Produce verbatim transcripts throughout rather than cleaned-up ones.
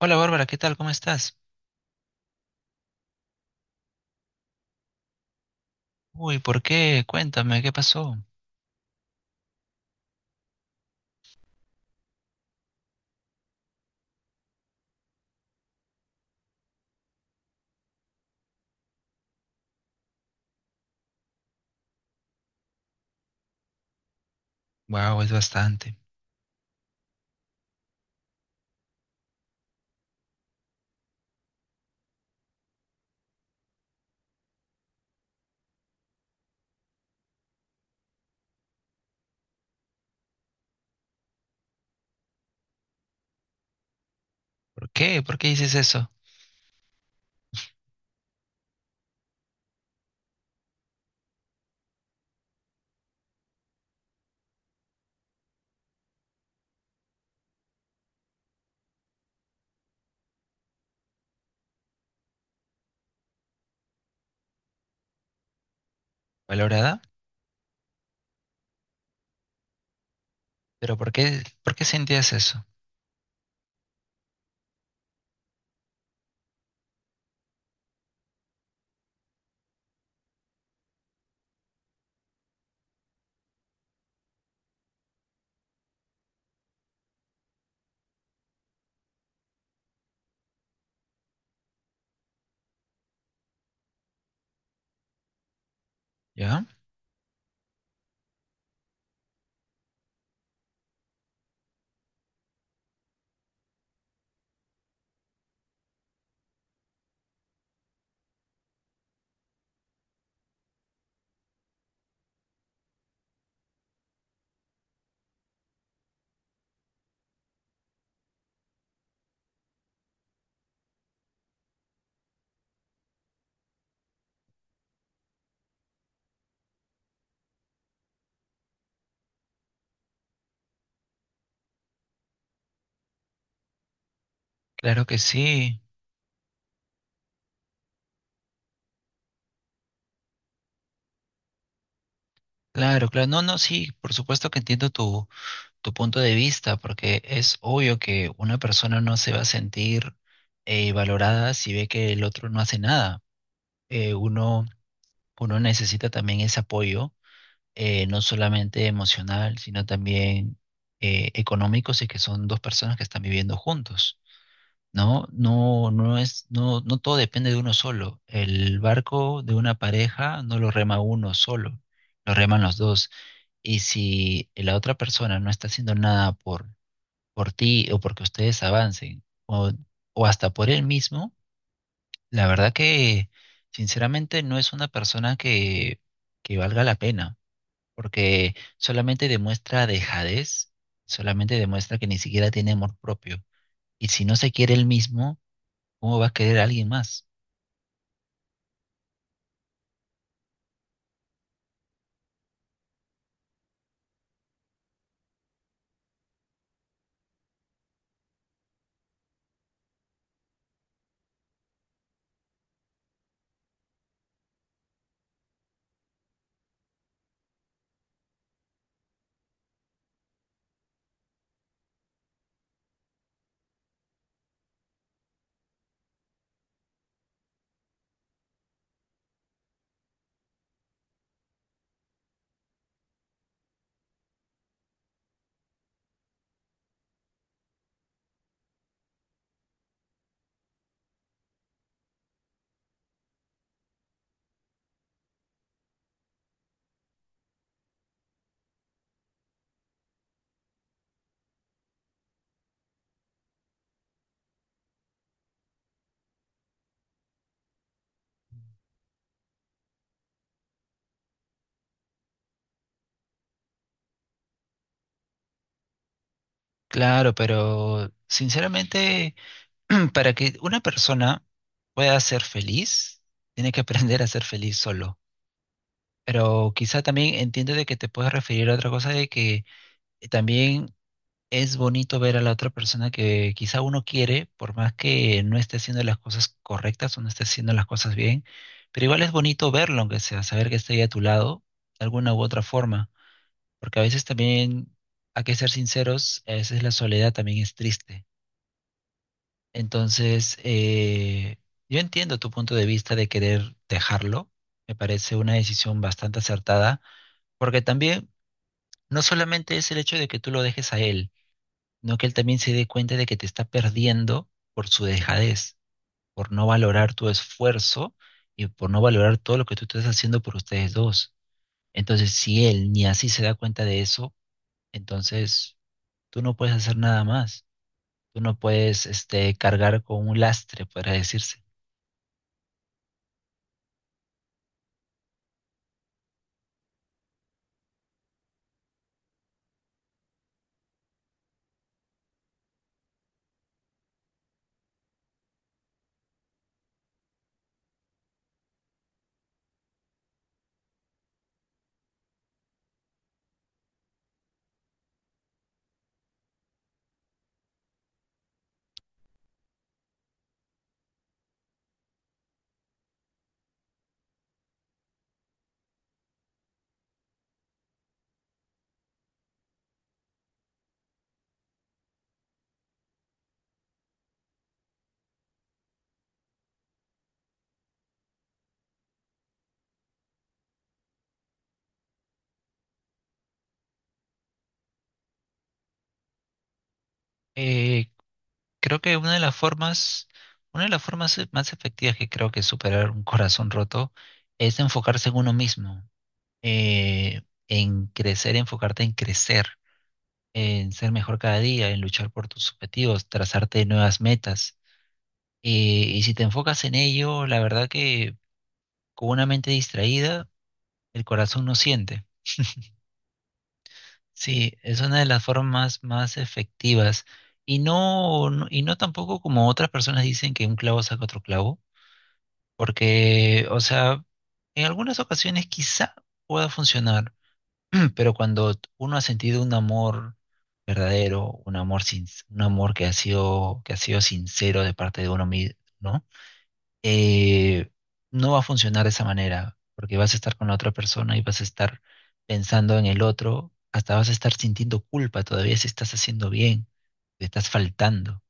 Hola Bárbara, ¿qué tal? ¿Cómo estás? Uy, ¿por qué? Cuéntame, ¿qué pasó? Wow, es bastante. ¿Por qué? ¿Por qué dices eso? ¿Valorada? ¿Pero por qué, por qué sentías eso? ¿Ya? Claro que sí. Claro, claro. No, no, sí, por supuesto que entiendo tu, tu punto de vista, porque es obvio que una persona no se va a sentir eh, valorada si ve que el otro no hace nada. Eh, uno, uno necesita también ese apoyo eh, no solamente emocional, sino también eh, económico, si es que son dos personas que están viviendo juntos. No, no, no es, no, no todo depende de uno solo. El barco de una pareja no lo rema uno solo, lo reman los dos. Y si la otra persona no está haciendo nada por, por ti o porque ustedes avancen, o, o hasta por él mismo, la verdad que sinceramente no es una persona que, que valga la pena, porque solamente demuestra dejadez, solamente demuestra que ni siquiera tiene amor propio. Y si no se quiere él mismo, ¿cómo va a querer a alguien más? Claro, pero sinceramente, para que una persona pueda ser feliz, tiene que aprender a ser feliz solo. Pero quizá también entiendo de que te puedes referir a otra cosa de que también es bonito ver a la otra persona que quizá uno quiere, por más que no esté haciendo las cosas correctas o no esté haciendo las cosas bien, pero igual es bonito verlo, aunque sea, saber que está ahí a tu lado, de alguna u otra forma, porque a veces también, hay que ser sinceros, a veces la soledad también es triste. Entonces, eh, yo entiendo tu punto de vista de querer dejarlo, me parece una decisión bastante acertada, porque también no solamente es el hecho de que tú lo dejes a él, no que él también se dé cuenta de que te está perdiendo por su dejadez, por no valorar tu esfuerzo y por no valorar todo lo que tú estás haciendo por ustedes dos. Entonces, si él ni así se da cuenta de eso, entonces tú no puedes hacer nada más. Tú no puedes, este, cargar con un lastre, podrá decirse. Eh, Creo que una de las formas, una de las formas más efectivas que creo que superar un corazón roto es enfocarse en uno mismo, eh, en crecer, enfocarte en crecer, en ser mejor cada día, en luchar por tus objetivos, trazarte nuevas metas. Eh, y si te enfocas en ello, la verdad que con una mente distraída, el corazón no siente. Sí, es una de las formas más efectivas. Y no, no- y no tampoco como otras personas dicen que un clavo saca otro clavo, porque, o sea, en algunas ocasiones quizá pueda funcionar. Pero cuando uno ha sentido un amor verdadero, un amor sin, un amor que ha sido, que ha sido sincero de parte de uno mismo, ¿no? Eh, no va a funcionar de esa manera, porque vas a estar con la otra persona y vas a estar pensando en el otro, hasta vas a estar sintiendo culpa todavía si estás haciendo bien, te estás faltando.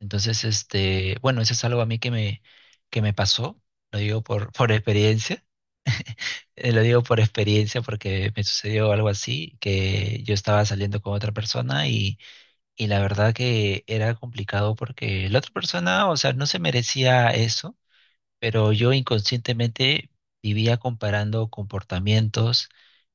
Entonces, este, bueno, eso es algo a mí que me, que me pasó, lo digo por, por experiencia. Eh, lo digo por experiencia porque me sucedió algo así, que yo estaba saliendo con otra persona y, y la verdad que era complicado porque la otra persona, o sea, no se merecía eso, pero yo inconscientemente vivía comparando comportamientos,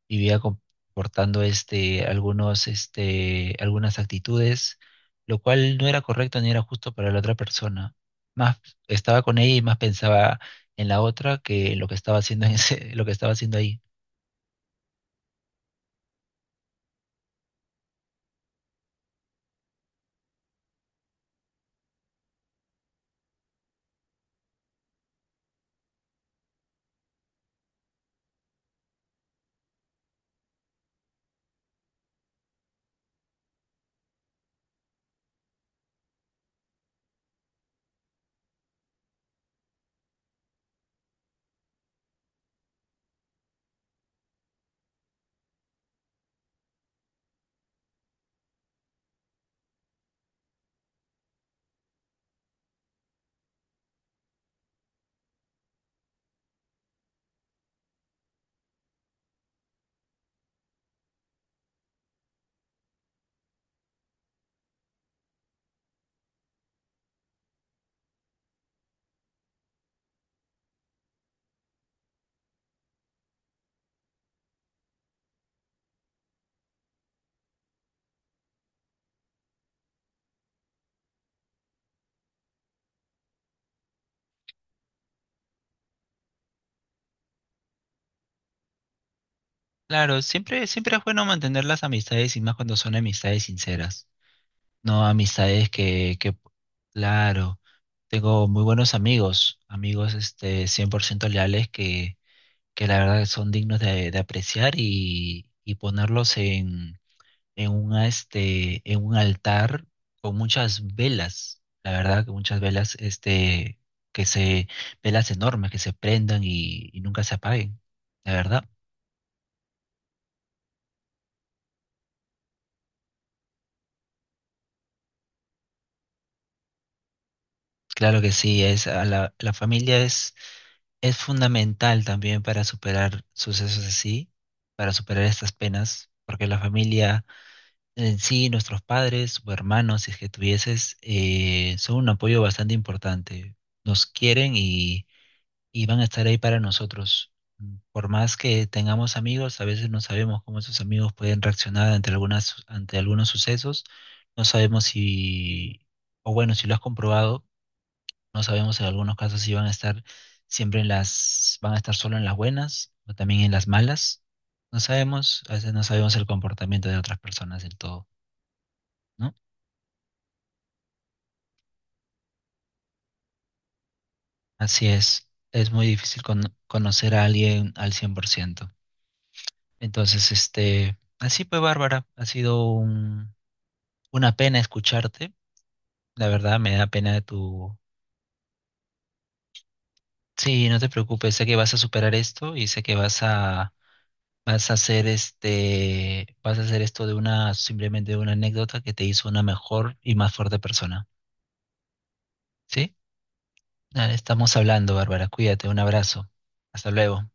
vivía comportando este, algunos, este, algunas actitudes, lo cual no era correcto ni era justo para la otra persona. Más estaba con ella y más pensaba en la otra que en lo que estaba haciendo en ese- lo que estaba haciendo ahí. Claro, siempre, siempre es bueno mantener las amistades y más cuando son amistades sinceras, no amistades que, que, claro, tengo muy buenos amigos, amigos este cien por ciento leales que, que la verdad son dignos de, de apreciar, y, y ponerlos en, en un, este, en un altar con muchas velas, la verdad que muchas velas, este, que se, velas enormes que se prendan y, y nunca se apaguen, la verdad. Claro que sí, es a la, la familia, es, es fundamental también para superar sucesos así, para superar estas penas, porque la familia en sí, nuestros padres o hermanos, si es que tuvieses, eh, son un apoyo bastante importante. Nos quieren y, y van a estar ahí para nosotros. Por más que tengamos amigos, a veces no sabemos cómo esos amigos pueden reaccionar ante algunas, ante algunos sucesos. No sabemos si, o bueno, si lo has comprobado, no sabemos si en algunos casos si van a estar siempre en las, van a estar solo en las buenas o también en las malas. No sabemos, a veces no sabemos el comportamiento de otras personas del todo, ¿no? Así es, es muy difícil con- conocer a alguien al cien por ciento. Entonces, este, así pues, Bárbara, ha sido un- una pena escucharte. La verdad, me da pena tu... Sí, no te preocupes, sé que vas a superar esto y sé que vas a Vas a hacer este, vas a hacer esto de una, simplemente de una anécdota que te hizo una mejor y más fuerte persona. ¿Sí? Nada, estamos hablando, Bárbara. Cuídate, un abrazo. Hasta luego.